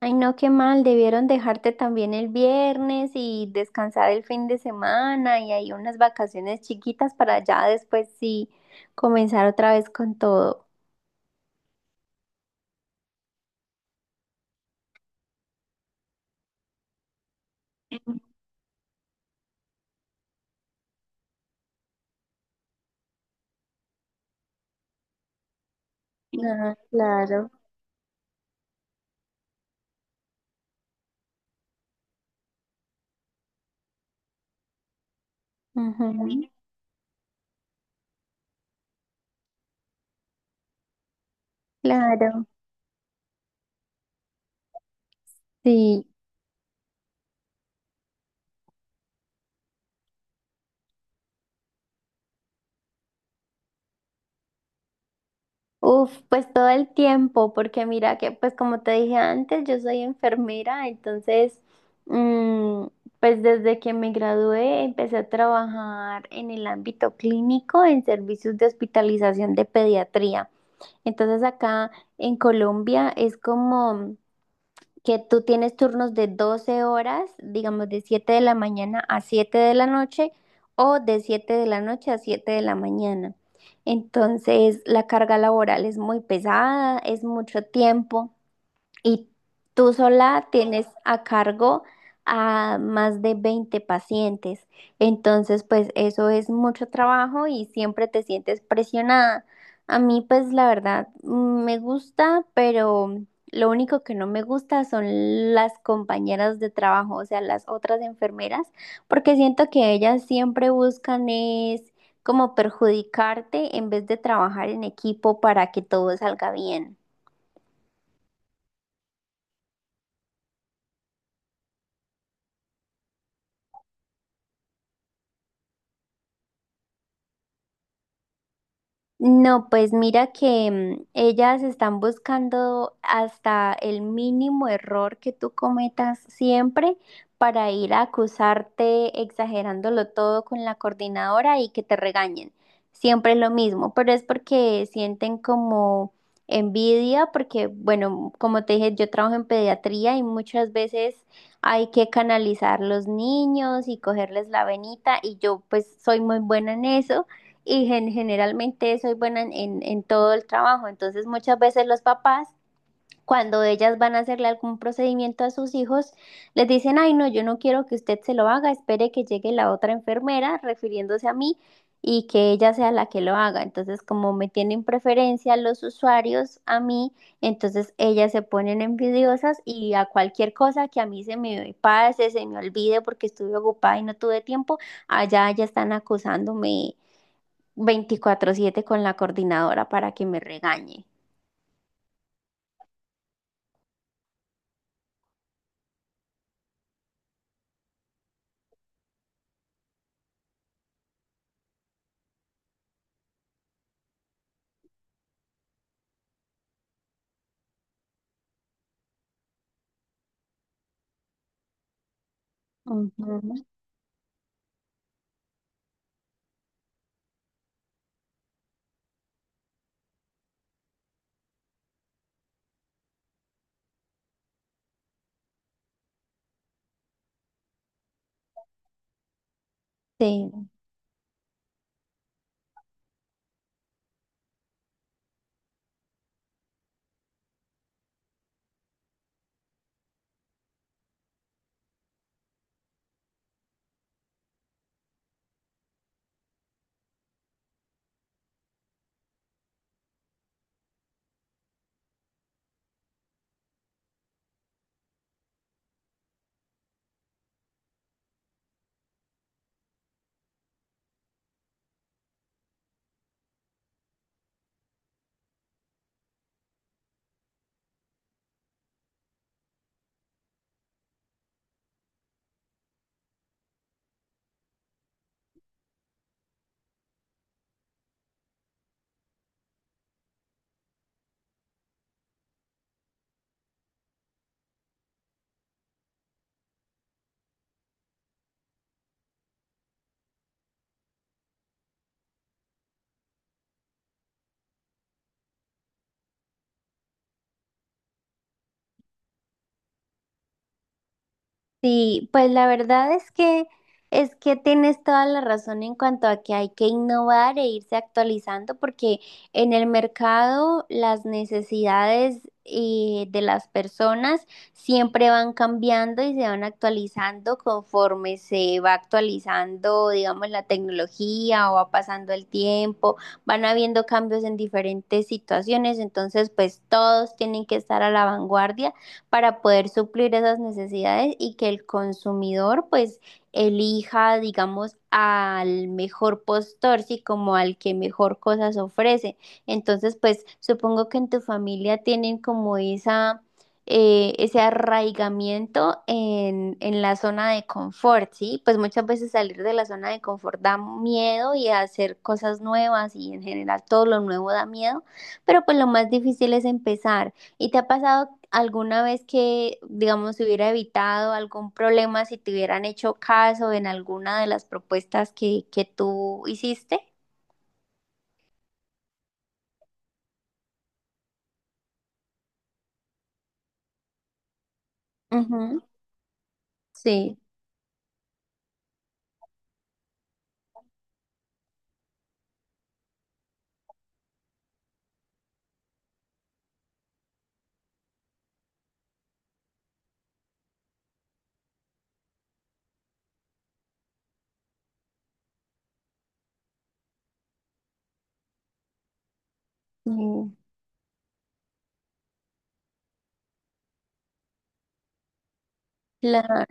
Ay, no, qué mal, debieron dejarte también el viernes y descansar el fin de semana y hay unas vacaciones chiquitas para ya después sí comenzar otra vez con todo. Ah, claro. Ujú. Claro, sí. Uf, pues todo el tiempo, porque mira que, pues como te dije antes, yo soy enfermera, entonces, mm, pues desde que me gradué empecé a trabajar en el ámbito clínico, en servicios de hospitalización de pediatría. Entonces acá en Colombia es como que tú tienes turnos de 12 horas, digamos de 7 de la mañana a 7 de la noche o de 7 de la noche a 7 de la mañana. Entonces, la carga laboral es muy pesada, es mucho tiempo. Y tú sola tienes a cargo a más de 20 pacientes. Entonces, pues eso es mucho trabajo y siempre te sientes presionada. A mí, pues la verdad, me gusta, pero lo único que no me gusta son las compañeras de trabajo, o sea, las otras enfermeras, porque siento que ellas siempre buscan es como perjudicarte en vez de trabajar en equipo para que todo salga bien. No, pues mira que ellas están buscando hasta el mínimo error que tú cometas siempre para ir a acusarte exagerándolo todo con la coordinadora y que te regañen. Siempre es lo mismo, pero es porque sienten como envidia, porque bueno, como te dije, yo trabajo en pediatría y muchas veces hay que canalizar los niños y cogerles la venita y yo pues soy muy buena en eso y generalmente soy buena en todo el trabajo. Entonces muchas veces los papás, cuando ellas van a hacerle algún procedimiento a sus hijos, les dicen, ay, no, yo no quiero que usted se lo haga, espere que llegue la otra enfermera refiriéndose a mí y que ella sea la que lo haga. Entonces, como me tienen preferencia los usuarios a mí, entonces ellas se ponen envidiosas y a cualquier cosa que a mí se me pase, se me olvide porque estuve ocupada y no tuve tiempo, allá ya están acusándome 24/7 con la coordinadora para que me regañe. Ujú. Sí. Sí, pues la verdad es que tienes toda la razón en cuanto a que hay que innovar e irse actualizando porque en el mercado las necesidades de las personas siempre van cambiando y se van actualizando conforme se va actualizando, digamos, la tecnología o va pasando el tiempo, van habiendo cambios en diferentes situaciones, entonces pues todos tienen que estar a la vanguardia para poder suplir esas necesidades y que el consumidor pues elija, digamos, al mejor postor, sí, como al que mejor cosas ofrece. Entonces, pues supongo que en tu familia tienen como esa ese arraigamiento en la zona de confort, ¿sí? Pues muchas veces salir de la zona de confort da miedo y hacer cosas nuevas y en general todo lo nuevo da miedo, pero pues lo más difícil es empezar. ¿Y te ha pasado alguna vez que, digamos, se hubiera evitado algún problema si te hubieran hecho caso en alguna de las propuestas que tú hiciste? Ujú. Sí, sí, claro,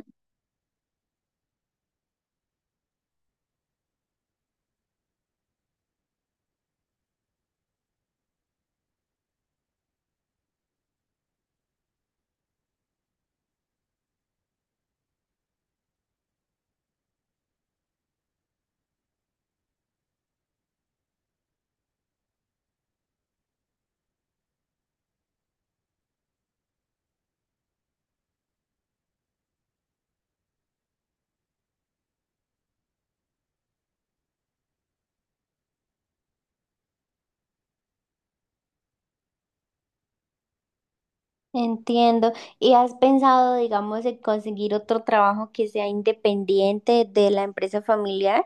entiendo. ¿Y has pensado, digamos, en conseguir otro trabajo que sea independiente de la empresa familiar?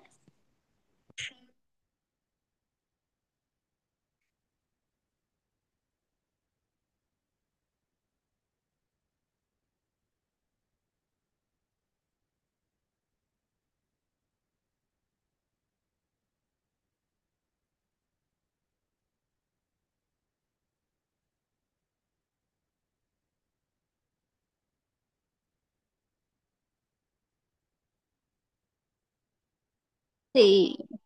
Sí.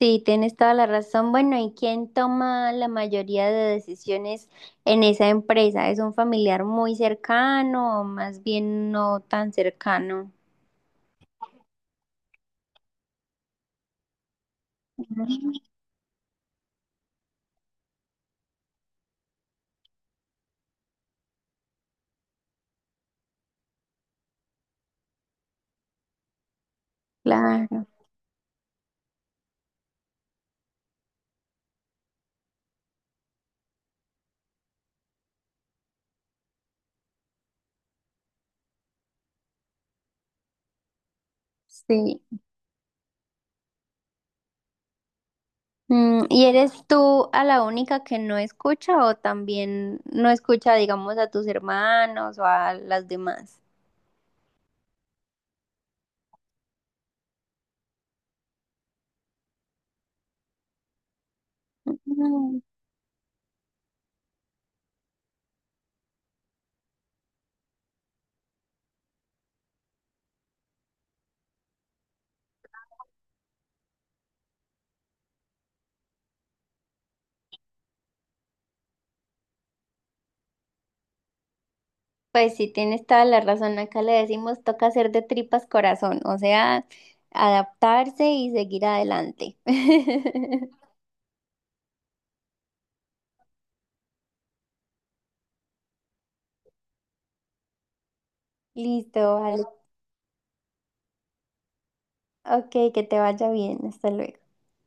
Sí, tienes toda la razón. Bueno, ¿y quién toma la mayoría de decisiones en esa empresa? ¿Es un familiar muy cercano o más bien no tan cercano? Mm. Claro, sí. Mm, ¿y eres tú a la única que no escucha o también no escucha, digamos, a tus hermanos o a las demás? Pues sí, tienes toda la razón. Acá le decimos toca hacer de tripas corazón, o sea, adaptarse y seguir adelante. Listo, vale. Ok, que te vaya bien. Hasta luego.